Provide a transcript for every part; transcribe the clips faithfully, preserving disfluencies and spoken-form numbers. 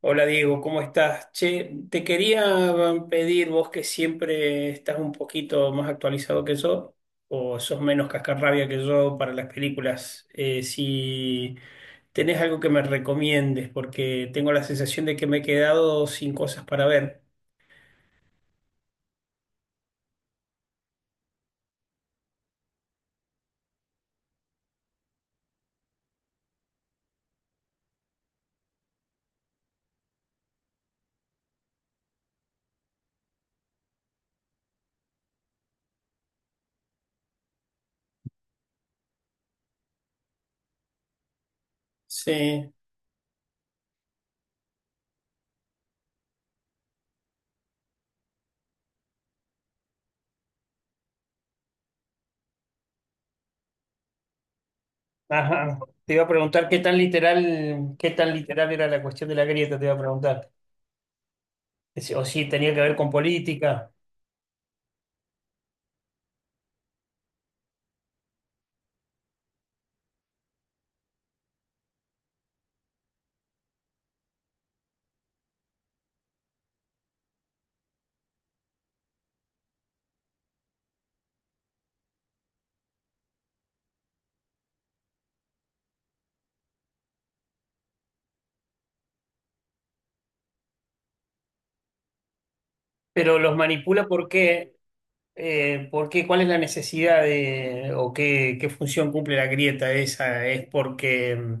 Hola Diego, ¿cómo estás? Che, te quería mm, pedir, vos que siempre estás un poquito más actualizado que yo, o sos menos cascarrabia que yo para las películas, eh, si tenés algo que me recomiendes, porque tengo la sensación de que me he quedado sin cosas para ver. Sí, ajá. Te iba a preguntar qué tan literal, qué tan literal era la cuestión de la grieta, te iba a preguntar. Es- O si tenía que ver con política. Pero los manipula, ¿por qué? Eh, ¿por qué? ¿Cuál es la necesidad de, o qué, qué función cumple la grieta esa? ¿Es porque mm,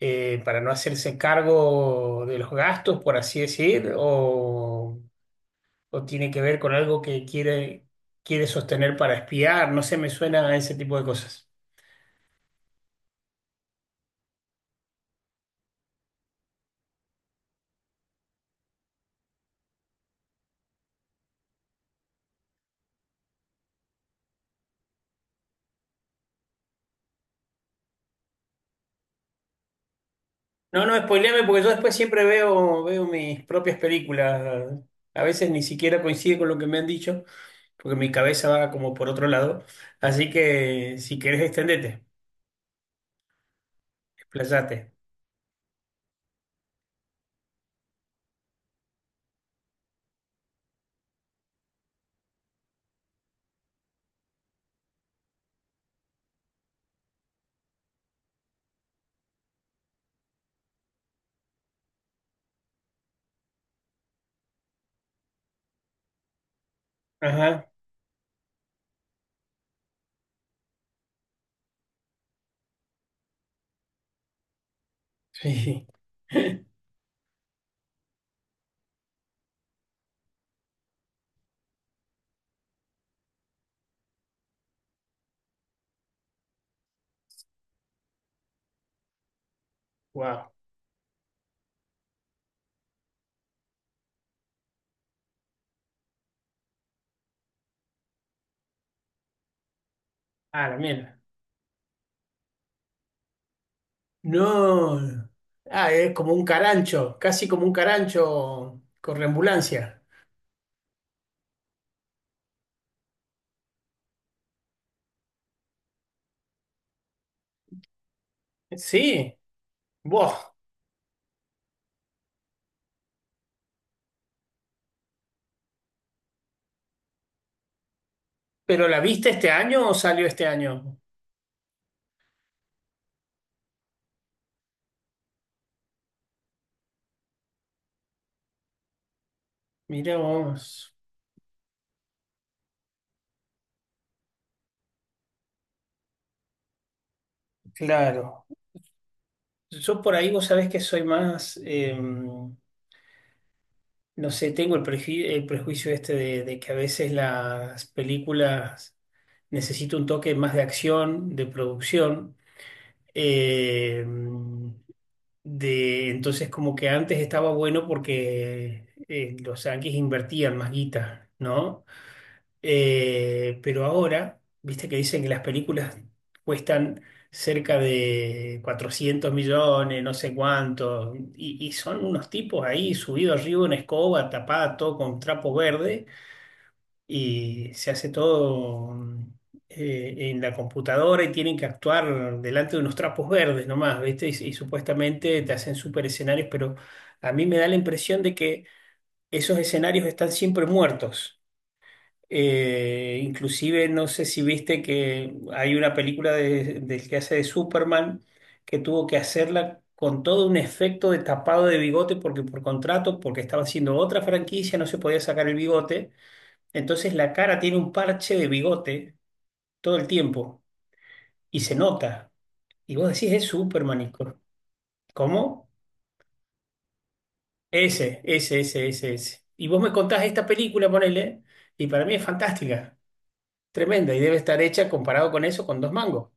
eh, para no hacerse cargo de los gastos, por así decir, o, o tiene que ver con algo que quiere, quiere sostener para espiar? No sé, me suena a ese tipo de cosas. No, no, spoileame porque yo después siempre veo, veo mis propias películas. A veces ni siquiera coincide con lo que me han dicho, porque mi cabeza va como por otro lado. Así que si querés, extendete, explayate. Ajá, sí. Wow. Ah, la mierda. No. Ah, es como un carancho, casi como un carancho correambulancia. Sí, vos. ¿Pero la viste este año o salió este año? Mirá vos. Claro. Yo por ahí vos sabés que soy más, eh, no sé, tengo el, preju- el prejuicio este de, de que a veces las películas necesitan un toque más de acción, de producción. Eh, de, entonces, como que antes estaba bueno porque eh, los yanquis invertían más guita, ¿no? Eh, pero ahora, viste que dicen que las películas cuestan cerca de cuatrocientos millones, no sé cuánto, y, y son unos tipos ahí subidos arriba en escoba, tapada todo con trapo verde y se hace todo mm, eh, en la computadora y tienen que actuar delante de unos trapos verdes nomás, ¿viste? Y, y supuestamente te hacen super escenarios, pero a mí me da la impresión de que esos escenarios están siempre muertos. Eh, inclusive no sé si viste que hay una película de- del que hace de Superman que tuvo que hacerla con todo un efecto de tapado de bigote porque por contrato, porque estaba haciendo otra franquicia, no se podía sacar el bigote, entonces la cara tiene un parche de bigote todo el tiempo y se nota. Y vos decís, es Superman. ¿y co- ¿Cómo? Ese, ese, ese, ese, ese. Y vos me contás esta película, ponele, y para mí es fantástica, tremenda, y debe estar hecha comparado con eso con dos mangos.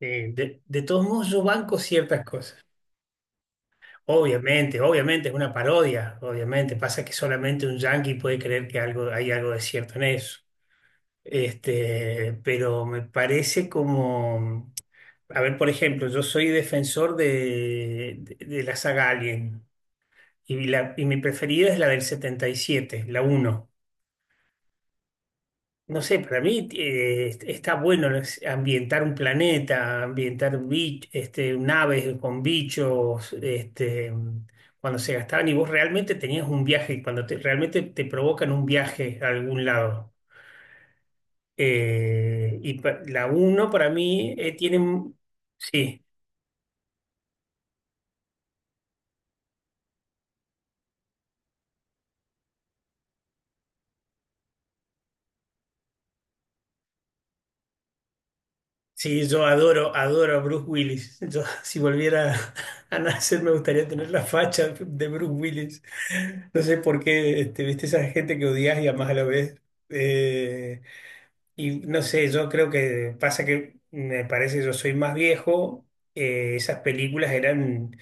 Eh, de, de todos modos, yo banco ciertas cosas. Obviamente, obviamente es una parodia, obviamente. Pasa que solamente un yankee puede creer que algo, hay algo de cierto en eso. Este, pero me parece como... A ver, por ejemplo, yo soy defensor de, de- de la saga Alien y, la- y mi preferida es la del setenta y siete, la uno. No sé, para mí eh, está bueno, ¿no? Es ambientar un planeta, ambientar un bi- este, naves con bichos, este, cuando se gastaban y vos realmente tenías un viaje, cuando te- realmente te provocan un viaje a algún lado. Eh, y pa- la uno para mí eh, tiene... un- Sí. Sí, yo adoro, adoro a Bruce Willis. Yo, si volviera a nacer, me gustaría tener la facha de Bruce Willis. No sé por qué, este, viste, esa gente que odias y amas a la vez. Eh, y no sé, yo creo que pasa que me parece, yo soy más viejo. Eh, esas películas eran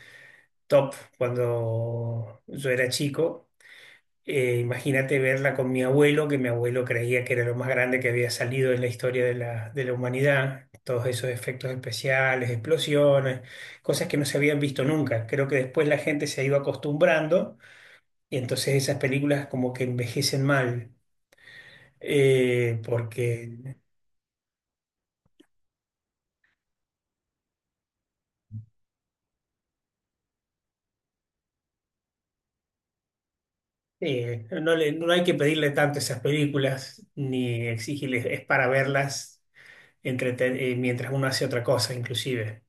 top cuando yo era chico. Eh, imagínate verla con mi abuelo, que mi abuelo creía que era lo más grande que había salido en la historia de la, de la humanidad. Todos esos efectos especiales, explosiones, cosas que no se habían visto nunca. Creo que después la gente se ha ido acostumbrando y entonces esas películas como que envejecen mal, eh, porque eh, no le- no hay que pedirle tanto a esas películas ni exigirles, es para verlas entreten- eh, mientras uno hace otra cosa, inclusive.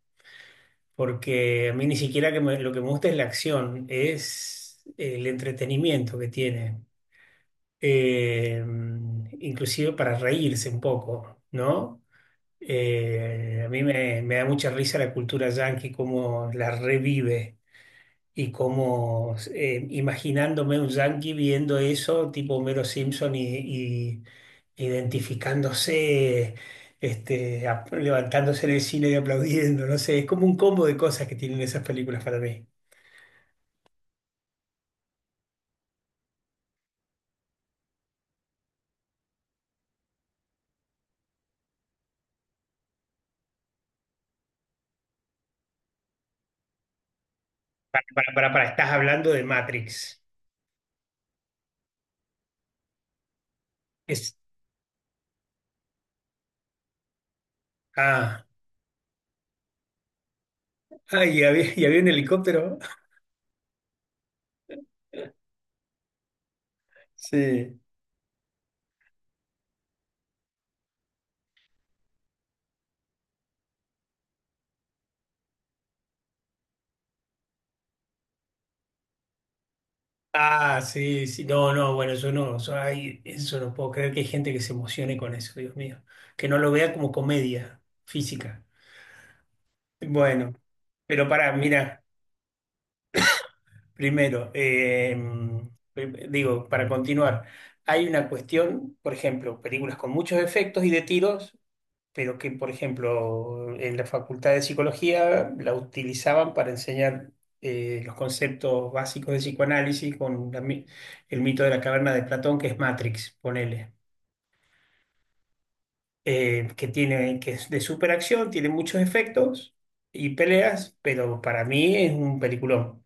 Porque a mí ni siquiera que me- lo que me gusta es la acción, es el entretenimiento que tiene. Eh, inclusive para reírse un poco, ¿no? Eh, a mí me, me da mucha risa la cultura yankee, cómo la revive. Y como eh, imaginándome un yankee viendo eso, tipo Homero Simpson, y, y identificándose, este, ap- levantándose en el cine y aplaudiendo, no sé, es como un combo de cosas que tienen esas películas para mí. Para, para, para, estás hablando de Matrix. Es, ah, ah, y había, y había un helicóptero. Sí. Ah, sí, sí, no, no, bueno, yo no, yo, ay, eso no puedo creer que hay gente que se emocione con eso, Dios mío, que no lo vea como comedia física. Bueno, pero para, mira, primero, eh, prim- digo, para continuar, hay una cuestión, por ejemplo, películas con muchos efectos y de tiros, pero que, por ejemplo, en la Facultad de Psicología la utilizaban para enseñar eh, los conceptos básicos de psicoanálisis con la mi- el mito de la caverna de Platón, que es Matrix, ponele, eh, que tiene, que es de superacción, tiene muchos efectos y peleas, pero para mí es un peliculón.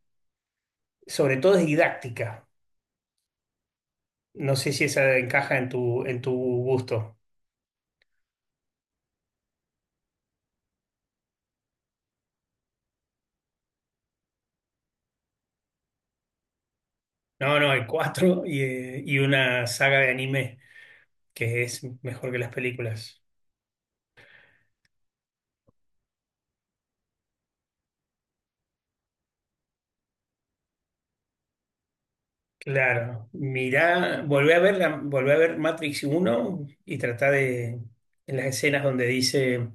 Sobre todo es didáctica. No sé si esa encaja en tu, en tu gusto. No, no, hay cuatro y, eh, y una saga de anime que es mejor que las películas. Claro, mirá, volvé a ver, la- volvé a ver Matrix uno y tratá de, en las escenas donde dice...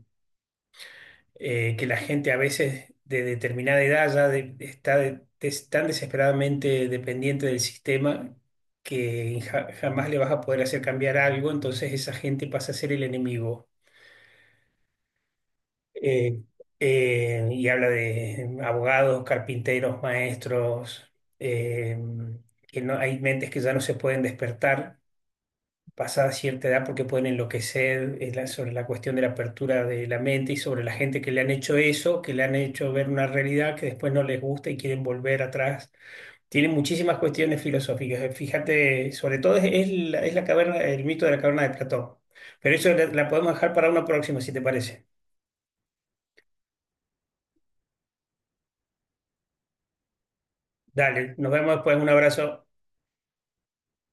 eh, Que la gente a veces de determinada edad ya de- está de- des- tan desesperadamente dependiente del sistema que ja- jamás le vas a poder hacer cambiar algo, entonces esa gente pasa a ser el enemigo. Eh, eh, y habla de abogados, carpinteros, maestros, eh, que no, hay mentes que ya no se pueden despertar pasada cierta edad porque pueden enloquecer eh, la- sobre la cuestión de la apertura de la mente y sobre la gente que le han hecho eso, que le han hecho ver una realidad que después no les gusta y quieren volver atrás. Tiene muchísimas cuestiones filosóficas. Eh, Fíjate, sobre todo es, es la, es la caverna, el mito de la caverna de Platón. Pero eso la, la podemos dejar para una próxima, si te parece. Dale, nos vemos después. Un abrazo.